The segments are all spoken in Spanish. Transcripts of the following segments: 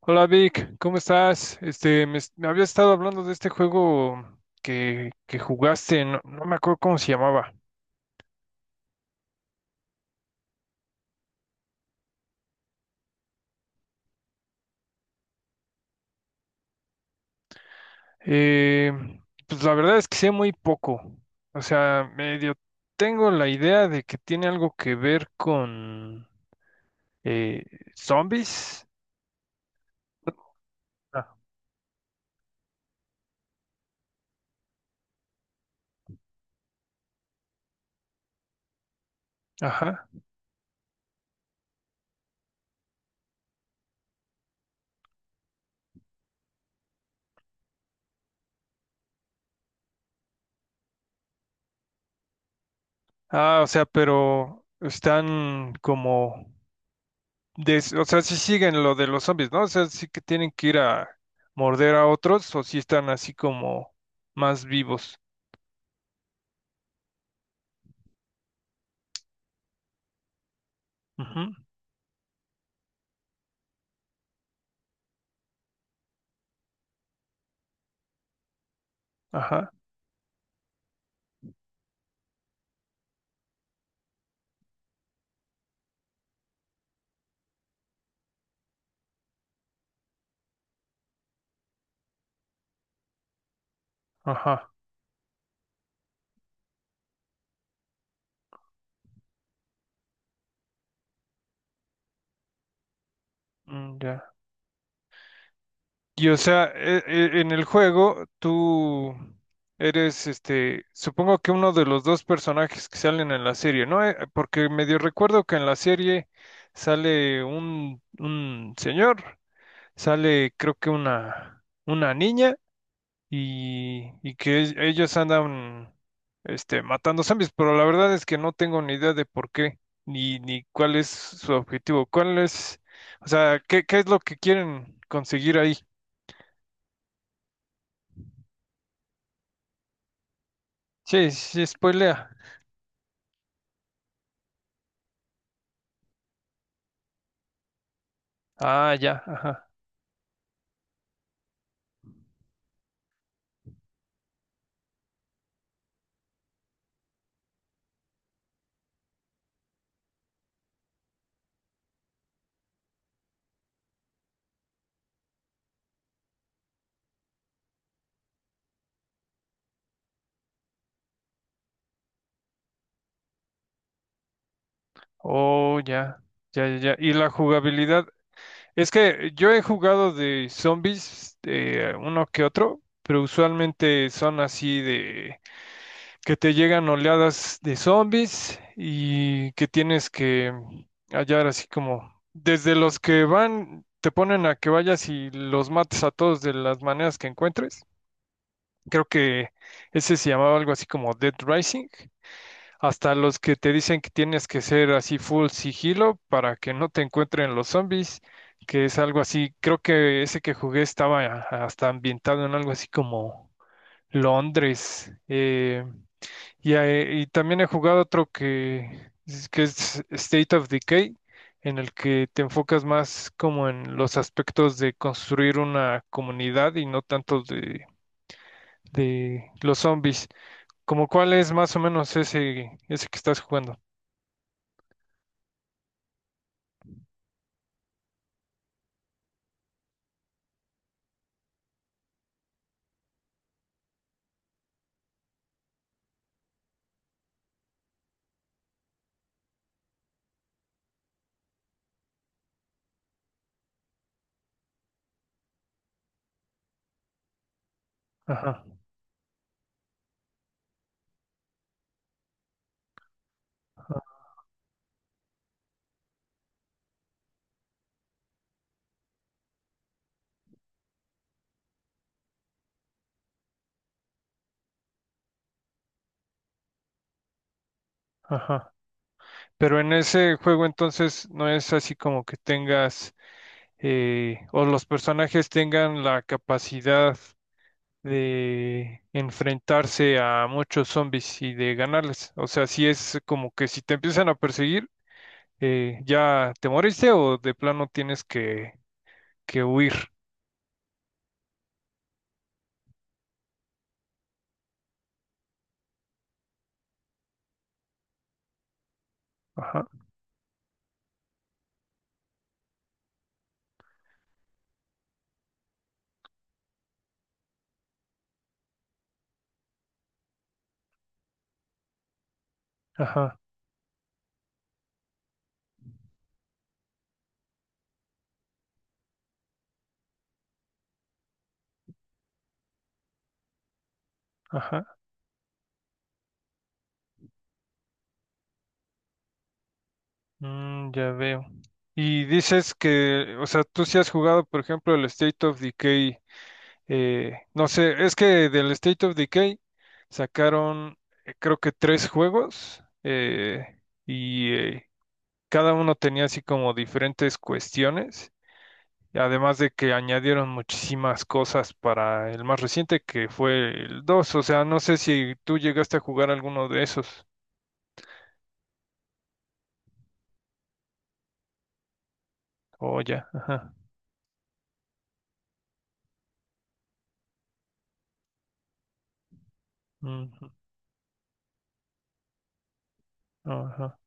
Hola Vic, ¿cómo estás? Me habías estado hablando de este juego que jugaste, no me acuerdo cómo se llamaba. Eh, pues la verdad es que sé muy poco. O sea, medio tengo la idea de que tiene algo que ver con eh, zombies. Ah. Ajá. Ah, o sea, pero están como o sea, si siguen lo de los zombies, ¿no? O sea, sí que tienen que ir a morder a otros o si están así como más vivos. Ujú. Ajá, ajá, mm, ya. Y o sea, en el juego tú eres, este, supongo que uno de los dos personajes que salen en la serie, ¿no? Porque medio recuerdo que en la serie sale un señor, sale creo que una niña, y que ellos andan este, matando zombies, pero la verdad es que no tengo ni idea de por qué, ni cuál es su objetivo, cuál es, o sea, qué es lo que quieren conseguir ahí. Sí, sí, spoilea. Ah, ya, ajá. Oh, ya, ya, ya, ya. Y la jugabilidad, es que yo he jugado de zombies, uno que otro, pero usualmente son así de que te llegan oleadas de zombies y que tienes que hallar así como desde los que van, te ponen a que vayas y los mates a todos de las maneras que encuentres. Creo que ese se llamaba algo así como Dead Rising. Hasta los que te dicen que tienes que ser así full sigilo para que no te encuentren los zombies, que es algo así. Creo que ese que jugué estaba hasta ambientado en algo así como Londres. Y, y también he jugado otro que, que es State of Decay, en el que te enfocas más como en los aspectos de construir una comunidad y no tanto de los zombies. Como cuál es más o menos ese, ese que estás jugando. Ajá, ajá, ajá. Pero en ese juego entonces no es así como que tengas o los personajes tengan la capacidad de enfrentarse a muchos zombies y de ganarles. O sea, si es como que si te empiezan a perseguir, ya te moriste o de plano tienes que huir. Ajá, ajá, ajá. Mm, ya veo. Y dices que, o sea, tú si has jugado, por ejemplo, el State of Decay, no sé, es que del State of Decay sacaron, creo que tres juegos, y cada uno tenía así como diferentes cuestiones, y además de que añadieron muchísimas cosas para el más reciente que fue el dos, o sea, no sé si tú llegaste a jugar alguno de esos, o ya, ajá, ujú, ajá,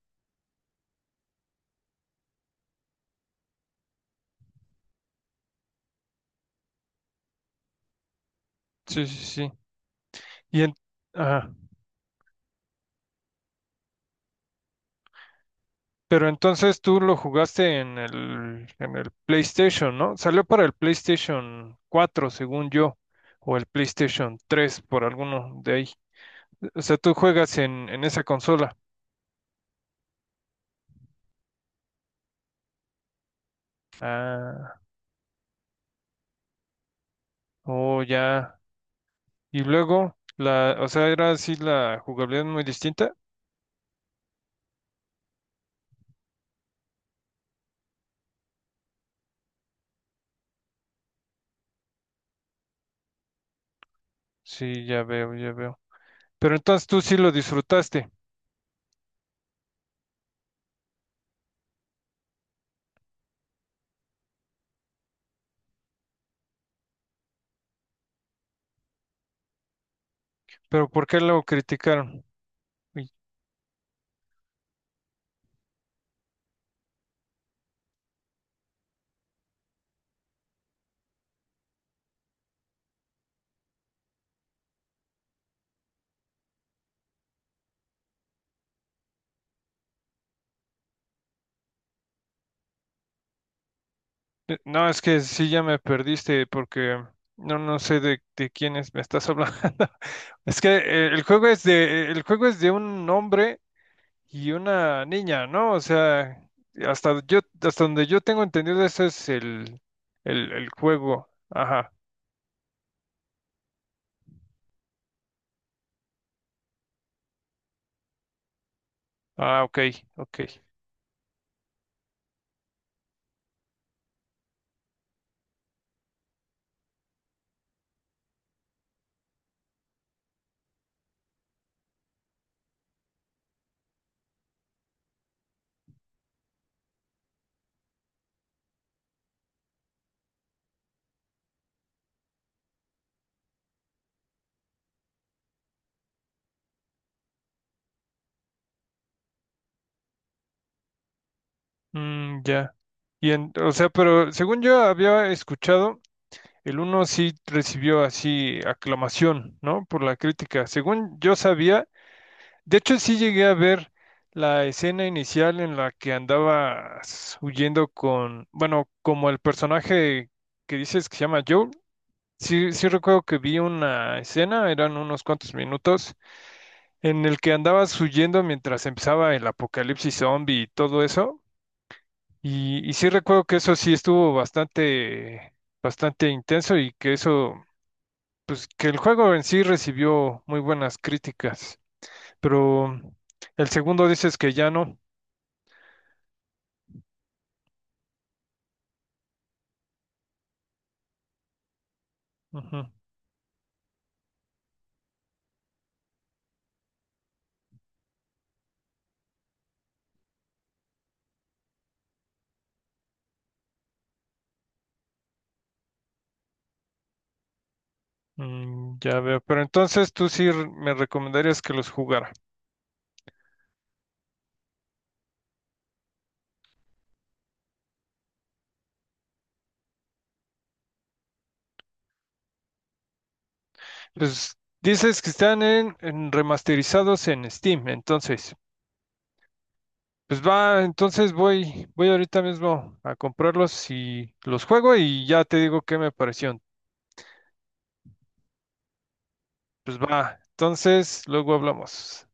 sí, sí, sí, y en- ajá, pero entonces tú lo jugaste en el PlayStation, ¿no? Salió para el PlayStation 4 según yo, o el PlayStation 3 por alguno de ahí, o sea, tú juegas en esa consola. Ah. Oh, ya. Y luego, la, o sea, era así la jugabilidad muy distinta. Sí, ya veo, ya veo. Pero entonces tú sí lo disfrutaste. Pero ¿por qué lo criticaron? Uy. No, es que sí ya me perdiste porque no, no sé de quiénes me estás hablando. Es que el juego es de, el juego es de un hombre y una niña, ¿no? O sea, hasta yo, hasta donde yo tengo entendido, ese es el, el juego. Ajá. Ah, ok, ok. Mm, ya. O sea, pero según yo había escuchado, el uno sí recibió así aclamación, ¿no? Por la crítica. Según yo sabía. De hecho, sí llegué a ver la escena inicial en la que andabas huyendo con, bueno, como el personaje que dices que se llama Joel. Sí, sí recuerdo que vi una escena, eran unos cuantos minutos, en el que andabas huyendo mientras empezaba el apocalipsis zombie y todo eso. Y sí recuerdo que eso sí estuvo bastante, bastante intenso y que eso, pues que el juego en sí recibió muy buenas críticas. Pero el segundo dices que ya no. Ujú. Mm, ya veo. Pero entonces tú sí me recomendarías que los jugara. Pues dices que están en remasterizados en Steam, entonces, pues va, entonces voy, voy ahorita mismo a comprarlos y los juego y ya te digo qué me pareció. Pues va, entonces luego hablamos.